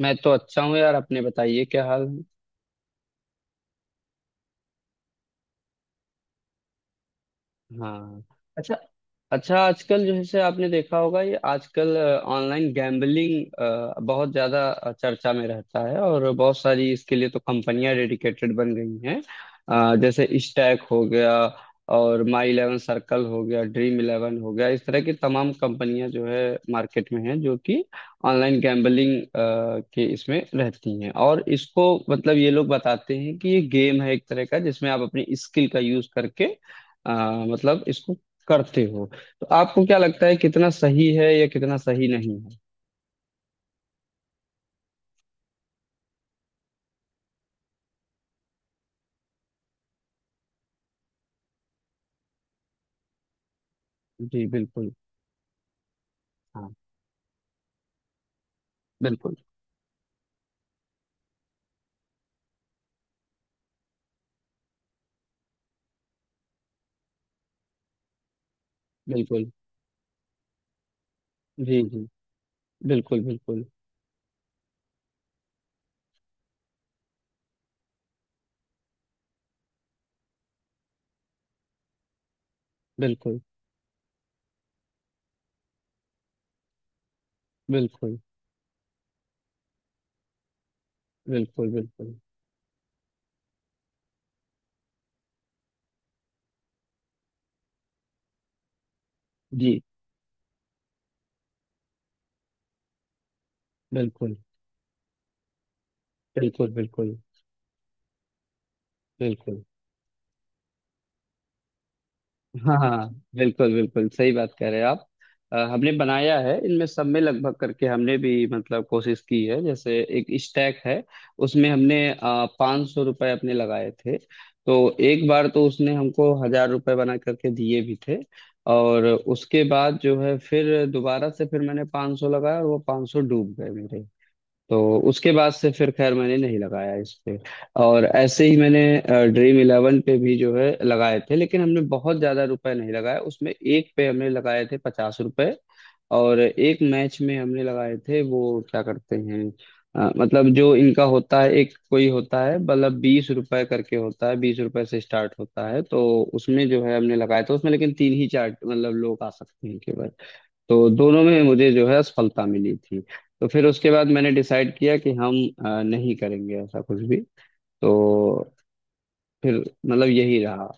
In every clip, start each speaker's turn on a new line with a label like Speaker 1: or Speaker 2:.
Speaker 1: मैं तो अच्छा हूँ यार अपने बताइए क्या हाल है? हाँ। अच्छा। अच्छा आजकल जो है से आपने देखा होगा ये आजकल ऑनलाइन गैम्बलिंग बहुत ज्यादा चर्चा में रहता है और बहुत सारी इसके लिए तो कंपनियां डेडिकेटेड बन गई हैं। जैसे स्टैक हो गया और माई इलेवन सर्कल हो गया ड्रीम इलेवन हो गया इस तरह की तमाम कंपनियां जो है मार्केट में हैं जो कि ऑनलाइन गैम्बलिंग के इसमें रहती हैं। और इसको मतलब ये लोग बताते हैं कि ये गेम है एक तरह का जिसमें आप अपनी स्किल का यूज करके मतलब इसको करते हो। तो आपको क्या लगता है कितना सही है या कितना सही नहीं है? जी बिल्कुल। हाँ। बिल्कुल बिल्कुल। जी जी। बिल्कुल बिल्कुल। बिल्कुल बिल्कुल। बिल्कुल बिल्कुल। जी। बिल्कुल बिल्कुल। बिल्कुल बिल्कुल। हाँ हाँ। बिल्कुल बिल्कुल सही बात कह रहे हैं आप। हमने बनाया है इनमें सब में लगभग करके हमने भी मतलब कोशिश की है जैसे एक स्टैक है उसमें हमने 500 रुपये अपने लगाए थे। तो एक बार तो उसने हमको 1000 रुपये बना करके दिए भी थे। और उसके बाद जो है फिर दोबारा से फिर मैंने 500 लगाया और वो 500 डूब गए मेरे। तो उसके बाद से फिर खैर मैंने नहीं लगाया इस पे। और ऐसे ही मैंने ड्रीम इलेवन पे भी जो है लगाए थे लेकिन हमने बहुत ज्यादा रुपए नहीं लगाए उसमें एक पे हमने लगाए थे 50 रुपए। और एक मैच में हमने लगाए थे वो क्या करते हैं मतलब जो इनका होता है एक कोई होता है मतलब 20 रुपए करके होता है 20 रुपए से स्टार्ट होता है। तो उसमें जो है हमने लगाया था उसमें लेकिन तीन ही चार मतलब लोग आ सकते हैं केवल। तो दोनों में मुझे जो है असफलता मिली थी। तो फिर उसके बाद मैंने डिसाइड किया कि हम नहीं करेंगे ऐसा कुछ भी। तो फिर मतलब यही रहा।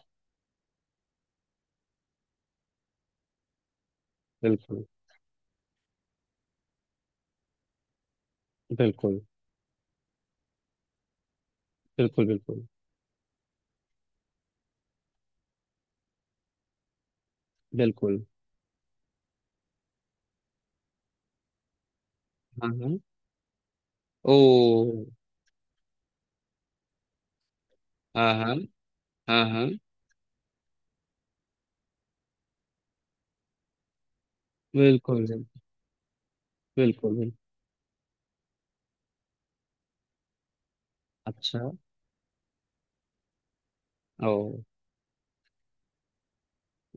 Speaker 1: बिल्कुल बिल्कुल। बिल्कुल बिल्कुल। बिल्कुल। हाँ हाँ। ओ। हाँ हाँ। हाँ हाँ। बिल्कुल बिल्कुल। बिल्कुल। अच्छा। ओ।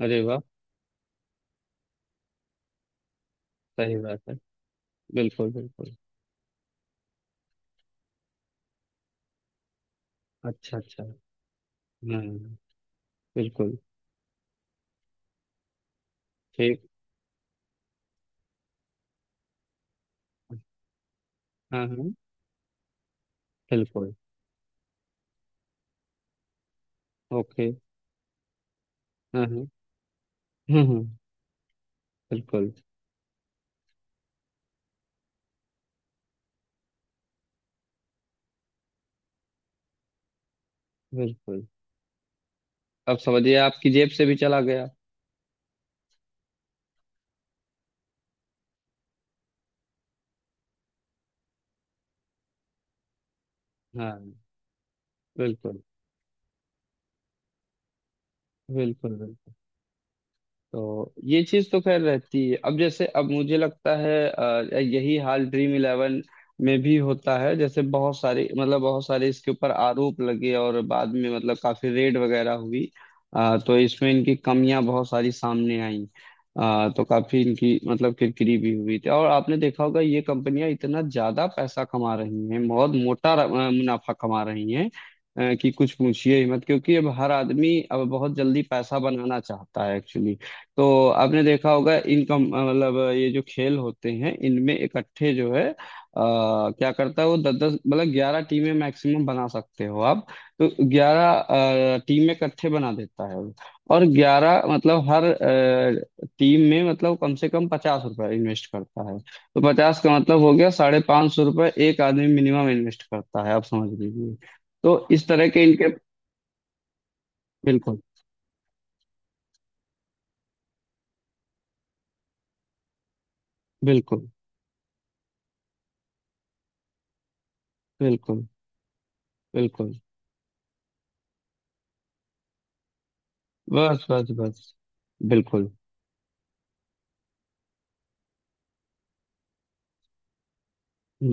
Speaker 1: अरे वाह। सही बात है। बिल्कुल बिल्कुल। अच्छा अच्छा। हाँ। बिल्कुल। ठीक। हाँ हाँ। बिल्कुल। ओके। हाँ हाँ। हाँ हाँ। बिल्कुल। बिल्कुल। अब समझिए आपकी जेब से भी चला गया। हाँ। बिल्कुल। बिल्कुल बिल्कुल। तो ये चीज तो खैर रहती है अब जैसे अब मुझे लगता है यही हाल ड्रीम इलेवन में भी होता है जैसे बहुत सारे मतलब बहुत सारे इसके ऊपर आरोप लगे और बाद में मतलब काफी रेड वगैरह हुई। तो इसमें इनकी कमियां बहुत सारी सामने आई। तो काफी इनकी मतलब किरकिरी भी हुई थी और आपने देखा होगा ये कंपनियां इतना ज्यादा पैसा कमा रही हैं बहुत मोटा मुनाफा कमा रही हैं। कि कुछ पूछिए ही मत क्योंकि अब हर आदमी अब बहुत जल्दी पैसा बनाना चाहता है एक्चुअली। तो आपने देखा होगा इनकम मतलब ये जो खेल होते हैं इनमें इकट्ठे जो है क्या करता है वो दस दस मतलब 11 टीमें मैक्सिमम बना सकते हो आप। तो 11 टीमें इकट्ठे बना देता है वो। और 11 मतलब हर टीम में मतलब कम से कम 50 रुपए इन्वेस्ट करता है तो 50 का मतलब हो गया 550 रुपए एक आदमी मिनिमम इन्वेस्ट करता है आप समझ लीजिए। तो इस तरह के इनके। बिल्कुल बिल्कुल। बिल्कुल बिल्कुल। बस बस बस। बिल्कुल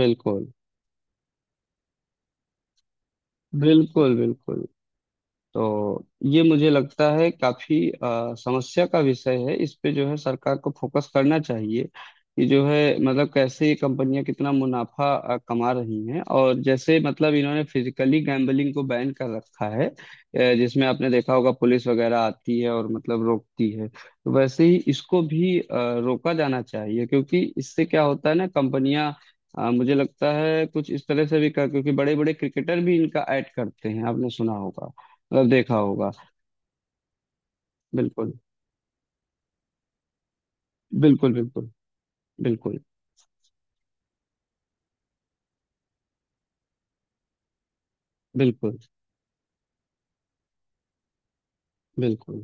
Speaker 1: बिल्कुल। बिल्कुल बिल्कुल। तो ये मुझे लगता है काफी समस्या का विषय है इस पे जो है सरकार को फोकस करना चाहिए। कि जो है मतलब कैसे ये कंपनियां कितना मुनाफा कमा रही हैं और जैसे मतलब इन्होंने फिजिकली गैम्बलिंग को बैन कर रखा है जिसमें आपने देखा होगा पुलिस वगैरह आती है और मतलब रोकती है। तो वैसे ही इसको भी रोका जाना चाहिए क्योंकि इससे क्या होता है ना कंपनियां। मुझे लगता है कुछ इस तरह से भी कर क्योंकि बड़े बड़े क्रिकेटर भी इनका ऐड करते हैं आपने सुना होगा मतलब देखा होगा। बिल्कुल बिल्कुल। बिल्कुल बिल्कुल। बिल्कुल। बिल्कुल।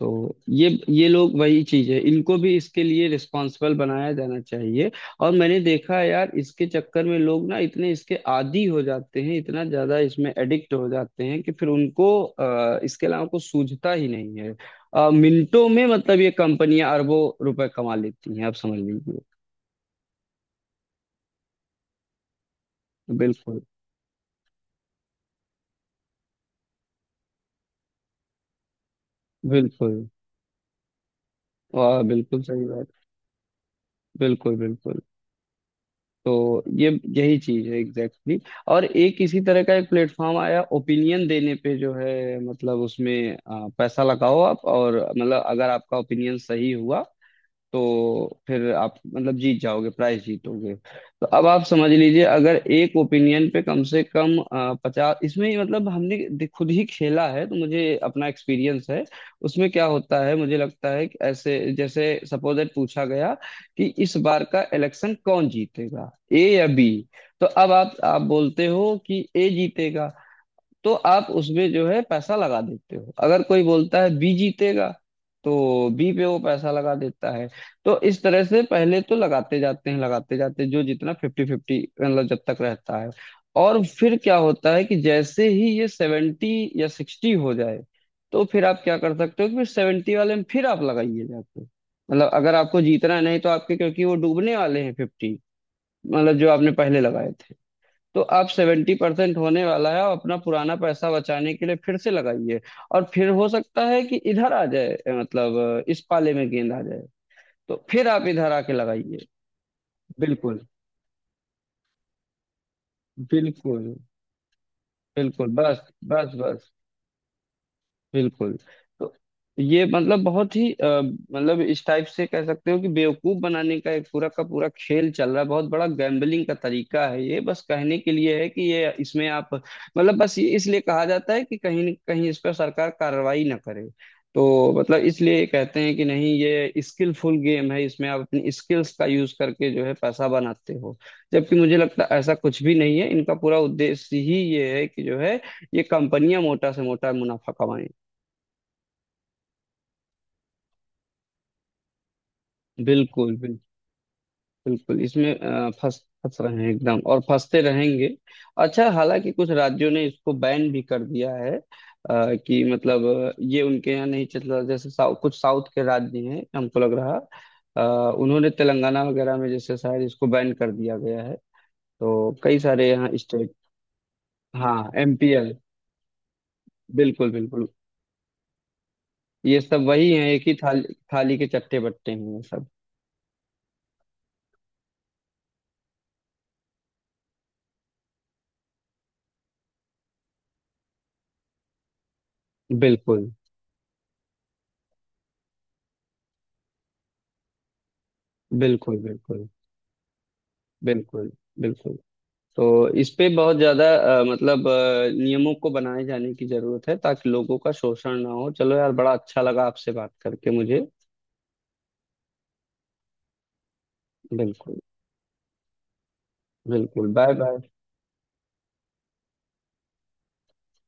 Speaker 1: तो ये लोग वही चीज है इनको भी इसके लिए रिस्पॉन्सिबल बनाया जाना चाहिए। और मैंने देखा है यार इसके चक्कर में लोग ना इतने इसके आदी हो जाते हैं इतना ज्यादा इसमें एडिक्ट हो जाते हैं कि फिर उनको इसके अलावा कुछ सूझता ही नहीं है। मिनटों में मतलब ये कंपनियां अरबों रुपए कमा लेती हैं आप समझ लीजिए। बिल्कुल बिल्कुल। वाह बिल्कुल सही बात। बिल्कुल बिल्कुल। तो ये यही चीज है एग्जैक्टली exactly. और एक इसी तरह का एक प्लेटफॉर्म आया ओपिनियन देने पे जो है मतलब उसमें पैसा लगाओ आप और मतलब अगर आपका ओपिनियन सही हुआ तो फिर आप मतलब जीत जाओगे प्राइस जीतोगे। तो अब आप समझ लीजिए अगर एक ओपिनियन पे कम से कम 50 इसमें ही मतलब हमने खुद ही खेला है तो मुझे अपना एक्सपीरियंस है। उसमें क्या होता है मुझे लगता है कि ऐसे जैसे सपोज दैट पूछा गया कि इस बार का इलेक्शन कौन जीतेगा ए या बी? तो अब आप बोलते हो कि ए जीतेगा। तो आप उसमें जो है पैसा लगा देते हो अगर कोई बोलता है बी जीतेगा तो बी पे वो पैसा लगा देता है। तो इस तरह से पहले तो लगाते जाते हैं जो जितना फिफ्टी फिफ्टी मतलब जब तक रहता है। और फिर क्या होता है कि जैसे ही ये 70 या 60 हो जाए तो फिर आप क्या कर सकते हो कि फिर 70 वाले में फिर आप लगाइए जाके मतलब अगर आपको जीतना है नहीं तो आपके क्योंकि वो डूबने वाले हैं फिफ्टी मतलब जो आपने पहले लगाए थे। तो आप 70% होने वाला है और अपना पुराना पैसा बचाने के लिए फिर से लगाइए। और फिर हो सकता है कि इधर आ जाए मतलब इस पाले में गेंद आ जाए तो फिर आप इधर आके लगाइए। बिल्कुल बिल्कुल। बिल्कुल। बस बस बस। बिल्कुल। तो ये मतलब बहुत ही मतलब इस टाइप से कह सकते हो कि बेवकूफ बनाने का एक पूरा का पूरा खेल चल रहा है बहुत बड़ा गैम्बलिंग का तरीका है ये बस कहने के लिए है कि ये इसमें आप मतलब बस ये इसलिए कहा जाता है कि कहीं न कहीं इस पर सरकार कार्रवाई ना करे। तो मतलब इसलिए कहते हैं कि नहीं ये स्किलफुल गेम है इसमें आप अपनी स्किल्स का यूज करके जो है पैसा बनाते हो। जबकि मुझे लगता है ऐसा कुछ भी नहीं है इनका पूरा उद्देश्य ही ये है कि जो है ये कंपनियां मोटा से मोटा मुनाफा कमाएं। बिल्कुल बिल्कुल। बिल्कुल। इसमें फंस फंस रहे हैं एकदम और फंसते रहेंगे। अच्छा हालांकि कुछ राज्यों ने इसको बैन भी कर दिया है कि मतलब ये उनके यहाँ नहीं चल रहा जैसे कुछ साउथ के राज्य हैं हमको लग रहा। उन्होंने तेलंगाना वगैरह में जैसे शायद इसको बैन कर दिया गया है। तो कई सारे यहाँ स्टेट। हाँ एमपीएल। बिल्कुल बिल्कुल। ये सब वही हैं एक ही थाली थाली के चट्टे बट्टे हैं ये सब। बिल्कुल बिल्कुल। बिल्कुल। बिल्कुल। बिल्कुल। तो इस पे बहुत ज्यादा मतलब नियमों को बनाए जाने की जरूरत है ताकि लोगों का शोषण ना हो। चलो यार बड़ा अच्छा लगा आपसे बात करके मुझे। बिल्कुल बिल्कुल। Bye bye.